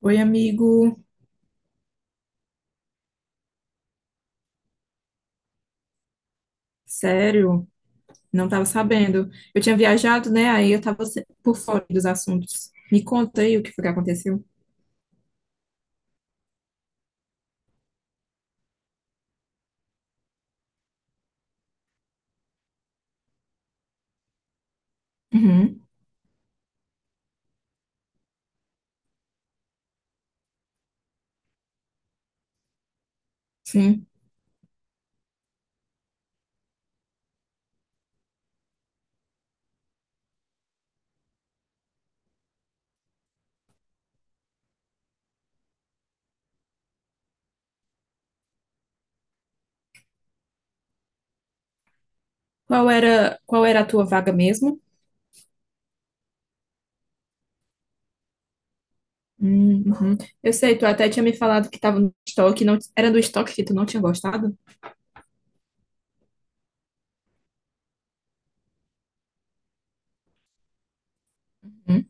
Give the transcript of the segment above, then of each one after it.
Oi, amigo. Sério, não estava sabendo. Eu tinha viajado, né? Aí eu estava por fora dos assuntos. Me conta aí o que foi que aconteceu. Uhum, sim. Qual era a tua vaga mesmo? Uhum. Eu sei, tu até tinha me falado que estava no estoque, não, era do estoque que tu não tinha gostado? Uhum,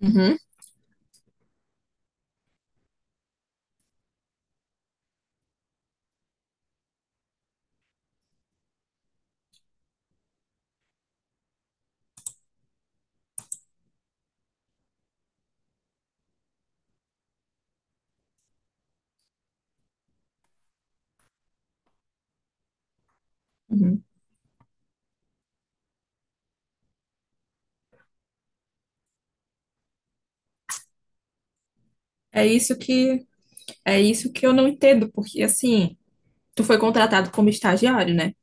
uhum, uhum. É isso que, é isso que eu não entendo, porque assim, tu foi contratado como estagiário, né?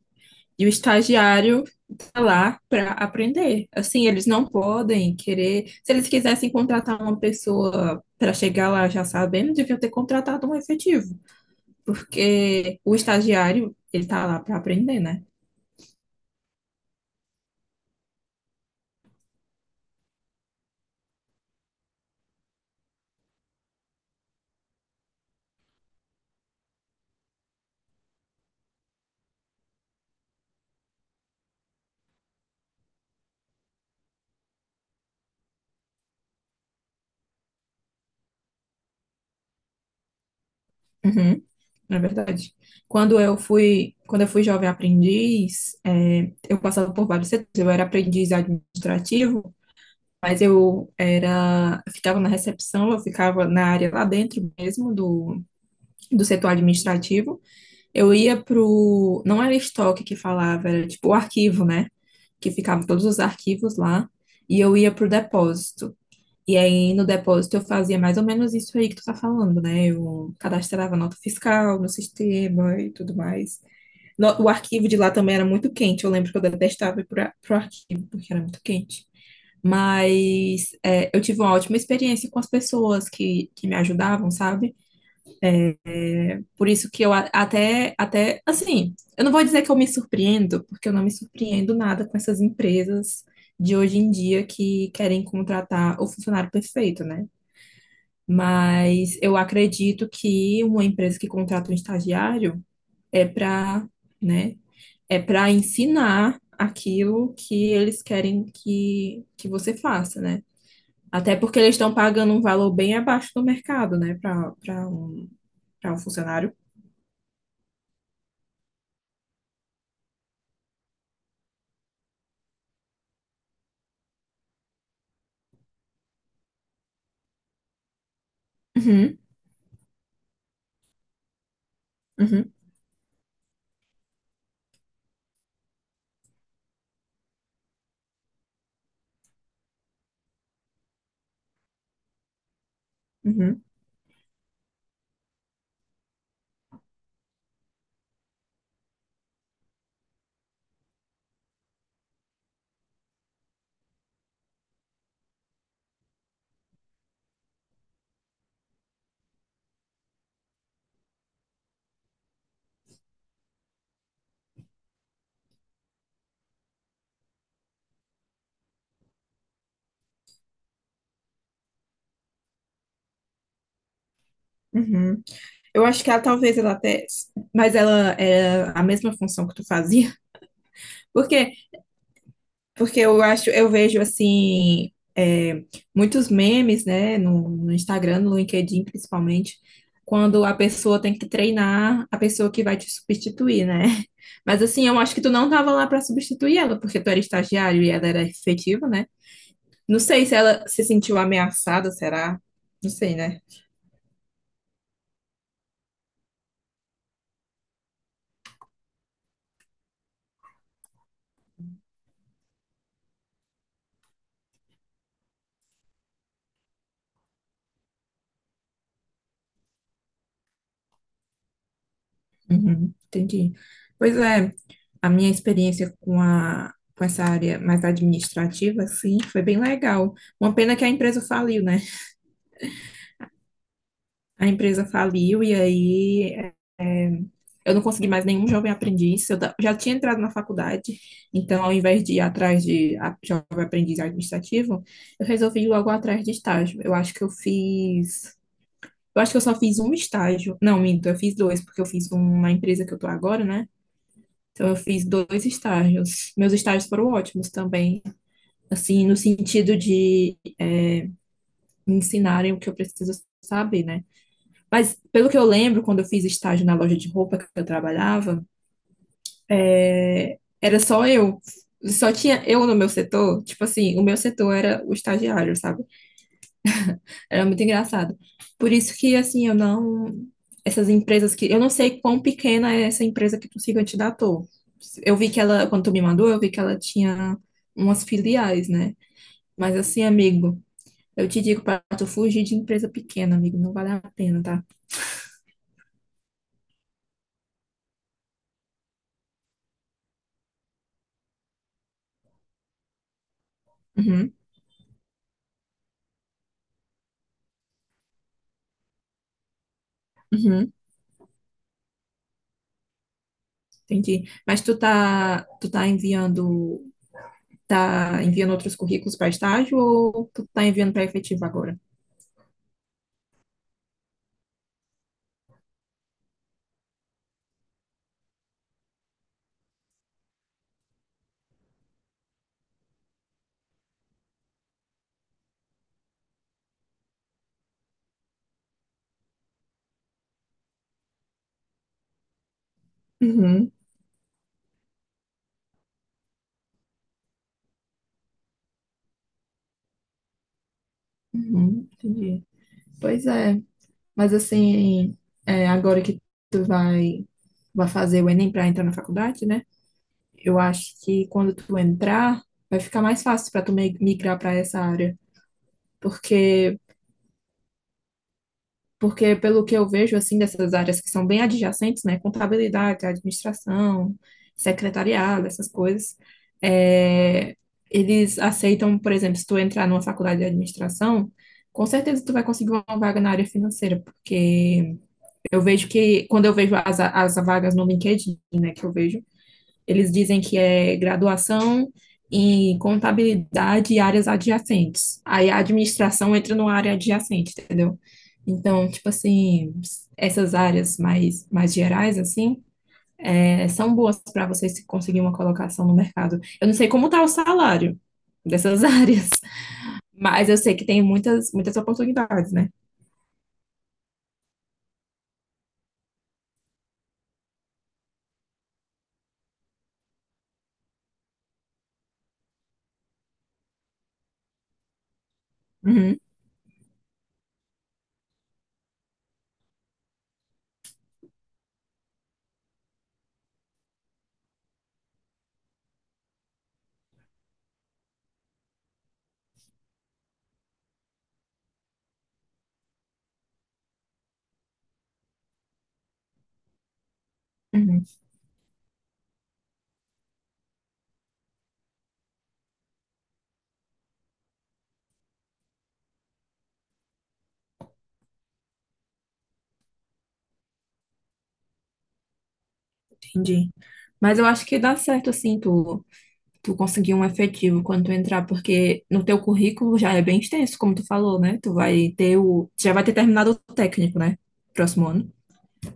E o estagiário está lá para aprender. Assim, eles não podem querer. Se eles quisessem contratar uma pessoa para chegar lá já sabendo, deviam ter contratado um efetivo, porque o estagiário, ele está lá para aprender, né? Uhum, na verdade. Quando eu fui jovem aprendiz, é, eu passava por vários setores. Eu era aprendiz administrativo, mas eu era, eu ficava na recepção, eu ficava na área lá dentro mesmo do setor administrativo. Eu ia pro. Não era estoque que falava, era tipo o arquivo, né? Que ficavam todos os arquivos lá. E eu ia pro depósito. E aí no depósito eu fazia mais ou menos isso aí que tu tá falando, né? Eu cadastrava nota fiscal no sistema e tudo mais. No- O arquivo de lá também era muito quente. Eu lembro que eu detestava ir pro arquivo, porque era muito quente. Mas é, eu tive uma ótima experiência com as pessoas que me ajudavam, sabe? Por isso que eu a- até, até, assim, eu não vou dizer que eu me surpreendo, porque eu não me surpreendo nada com essas empresas de hoje em dia que querem contratar o funcionário perfeito, né? Mas eu acredito que uma empresa que contrata um estagiário é para, né, é para ensinar aquilo que eles querem que você faça, né? Até porque eles estão pagando um valor bem abaixo do mercado, né, para um, para um funcionário. Uhum, uhum. Uhum, uhum. Eu acho que ela talvez ela até, mas ela é a mesma função que tu fazia. Por quê? Porque eu acho, eu vejo assim, é, muitos memes, né, no Instagram, no LinkedIn principalmente, quando a pessoa tem que treinar a pessoa que vai te substituir, né? Mas assim, eu acho que tu não tava lá para substituir ela, porque tu era estagiário e ela era efetiva, né? Não sei se ela se sentiu ameaçada, será? Não sei, né? Uhum, entendi. Pois é, a minha experiência com a, com essa área mais administrativa, assim, foi bem legal. Uma pena que a empresa faliu, né? A empresa faliu e aí eh, eu não consegui mais nenhum jovem aprendiz. Eu da- já tinha entrado na faculdade, então ao invés de ir atrás de a- jovem aprendiz administrativo, eu resolvi ir logo atrás de estágio. Eu acho que eu fiz. Eu acho que eu só fiz um estágio. Não, minto, eu fiz dois, porque eu fiz um na empresa que eu tô agora, né? Então eu fiz dois estágios. Meus estágios foram ótimos também. Assim, no sentido de me ensinarem o que eu preciso saber, né? Mas pelo que eu lembro, quando eu fiz estágio na loja de roupa que eu trabalhava, é, era só eu. Só tinha eu no meu setor, tipo assim, o meu setor era o estagiário, sabe? Era muito engraçado. Por isso que, assim, eu não. Essas empresas que. Eu não sei quão pequena é essa empresa que tu siga te dá ator. Eu vi que ela, quando tu me mandou, eu vi que ela tinha umas filiais, né? Mas assim, amigo, eu te digo, para tu fugir de empresa pequena, amigo, não vale a pena, tá? Uhum, uhum, entendi. Mas tu tá enviando, tá enviando outros currículos para estágio ou tu tá enviando para efetivo agora? Uhum, uhum, entendi. Pois é, mas assim, é, agora que tu vai, vai fazer o Enem para entrar na faculdade, né? Eu acho que quando tu entrar, vai ficar mais fácil para tu mi- migrar para essa área, porque porque, pelo que eu vejo, assim, dessas áreas que são bem adjacentes, né, contabilidade, administração, secretariado, essas coisas, é, eles aceitam, por exemplo, se tu entrar numa faculdade de administração, com certeza tu vai conseguir uma vaga na área financeira, porque eu vejo que, quando eu vejo as vagas no LinkedIn, né, que eu vejo, eles dizem que é graduação em contabilidade e áreas adjacentes. Aí a administração entra numa área adjacente, entendeu? Então, tipo assim, essas áreas mais gerais, assim, é, são boas para você se conseguir uma colocação no mercado. Eu não sei como tá o salário dessas áreas, mas eu sei que tem muitas, muitas oportunidades, né? Uhum, uhum, entendi. Mas eu acho que dá certo, assim, tu conseguir um efetivo quando tu entrar, porque no teu currículo já é bem extenso, como tu falou, né? Tu vai ter o. Tu já vai ter terminado o técnico, né? Próximo ano.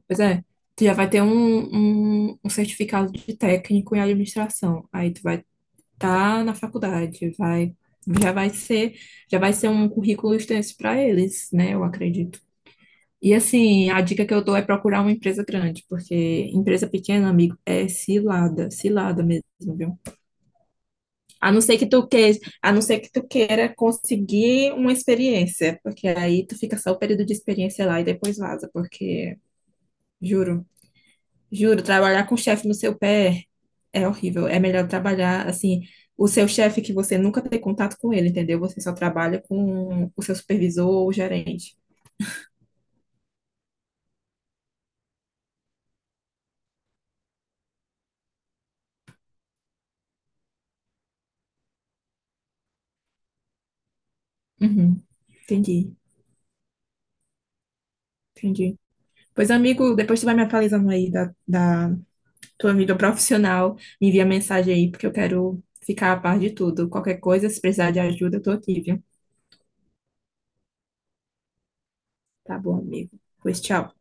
Pois é. Tu já vai ter um, um, um certificado de técnico em administração. Aí tu vai estar na faculdade, vai. Já vai ser, já vai ser um currículo extenso para eles, né? Eu acredito. E assim, a dica que eu dou é procurar uma empresa grande, porque empresa pequena, amigo, é cilada, cilada mesmo, viu? A não ser que tu queira, a não ser que tu queira conseguir uma experiência, porque aí tu fica só o período de experiência lá e depois vaza, porque juro, juro, trabalhar com o chefe no seu pé é horrível. É melhor trabalhar assim, o seu chefe que você nunca tem contato com ele, entendeu? Você só trabalha com o seu supervisor ou gerente. Uhum, entendi, entendi. Pois, amigo, depois tu vai me atualizando aí da tua amiga profissional, me envia mensagem aí, porque eu quero ficar a par de tudo. Qualquer coisa, se precisar de ajuda, eu tô aqui, viu? Tá bom, amigo. Pois tchau.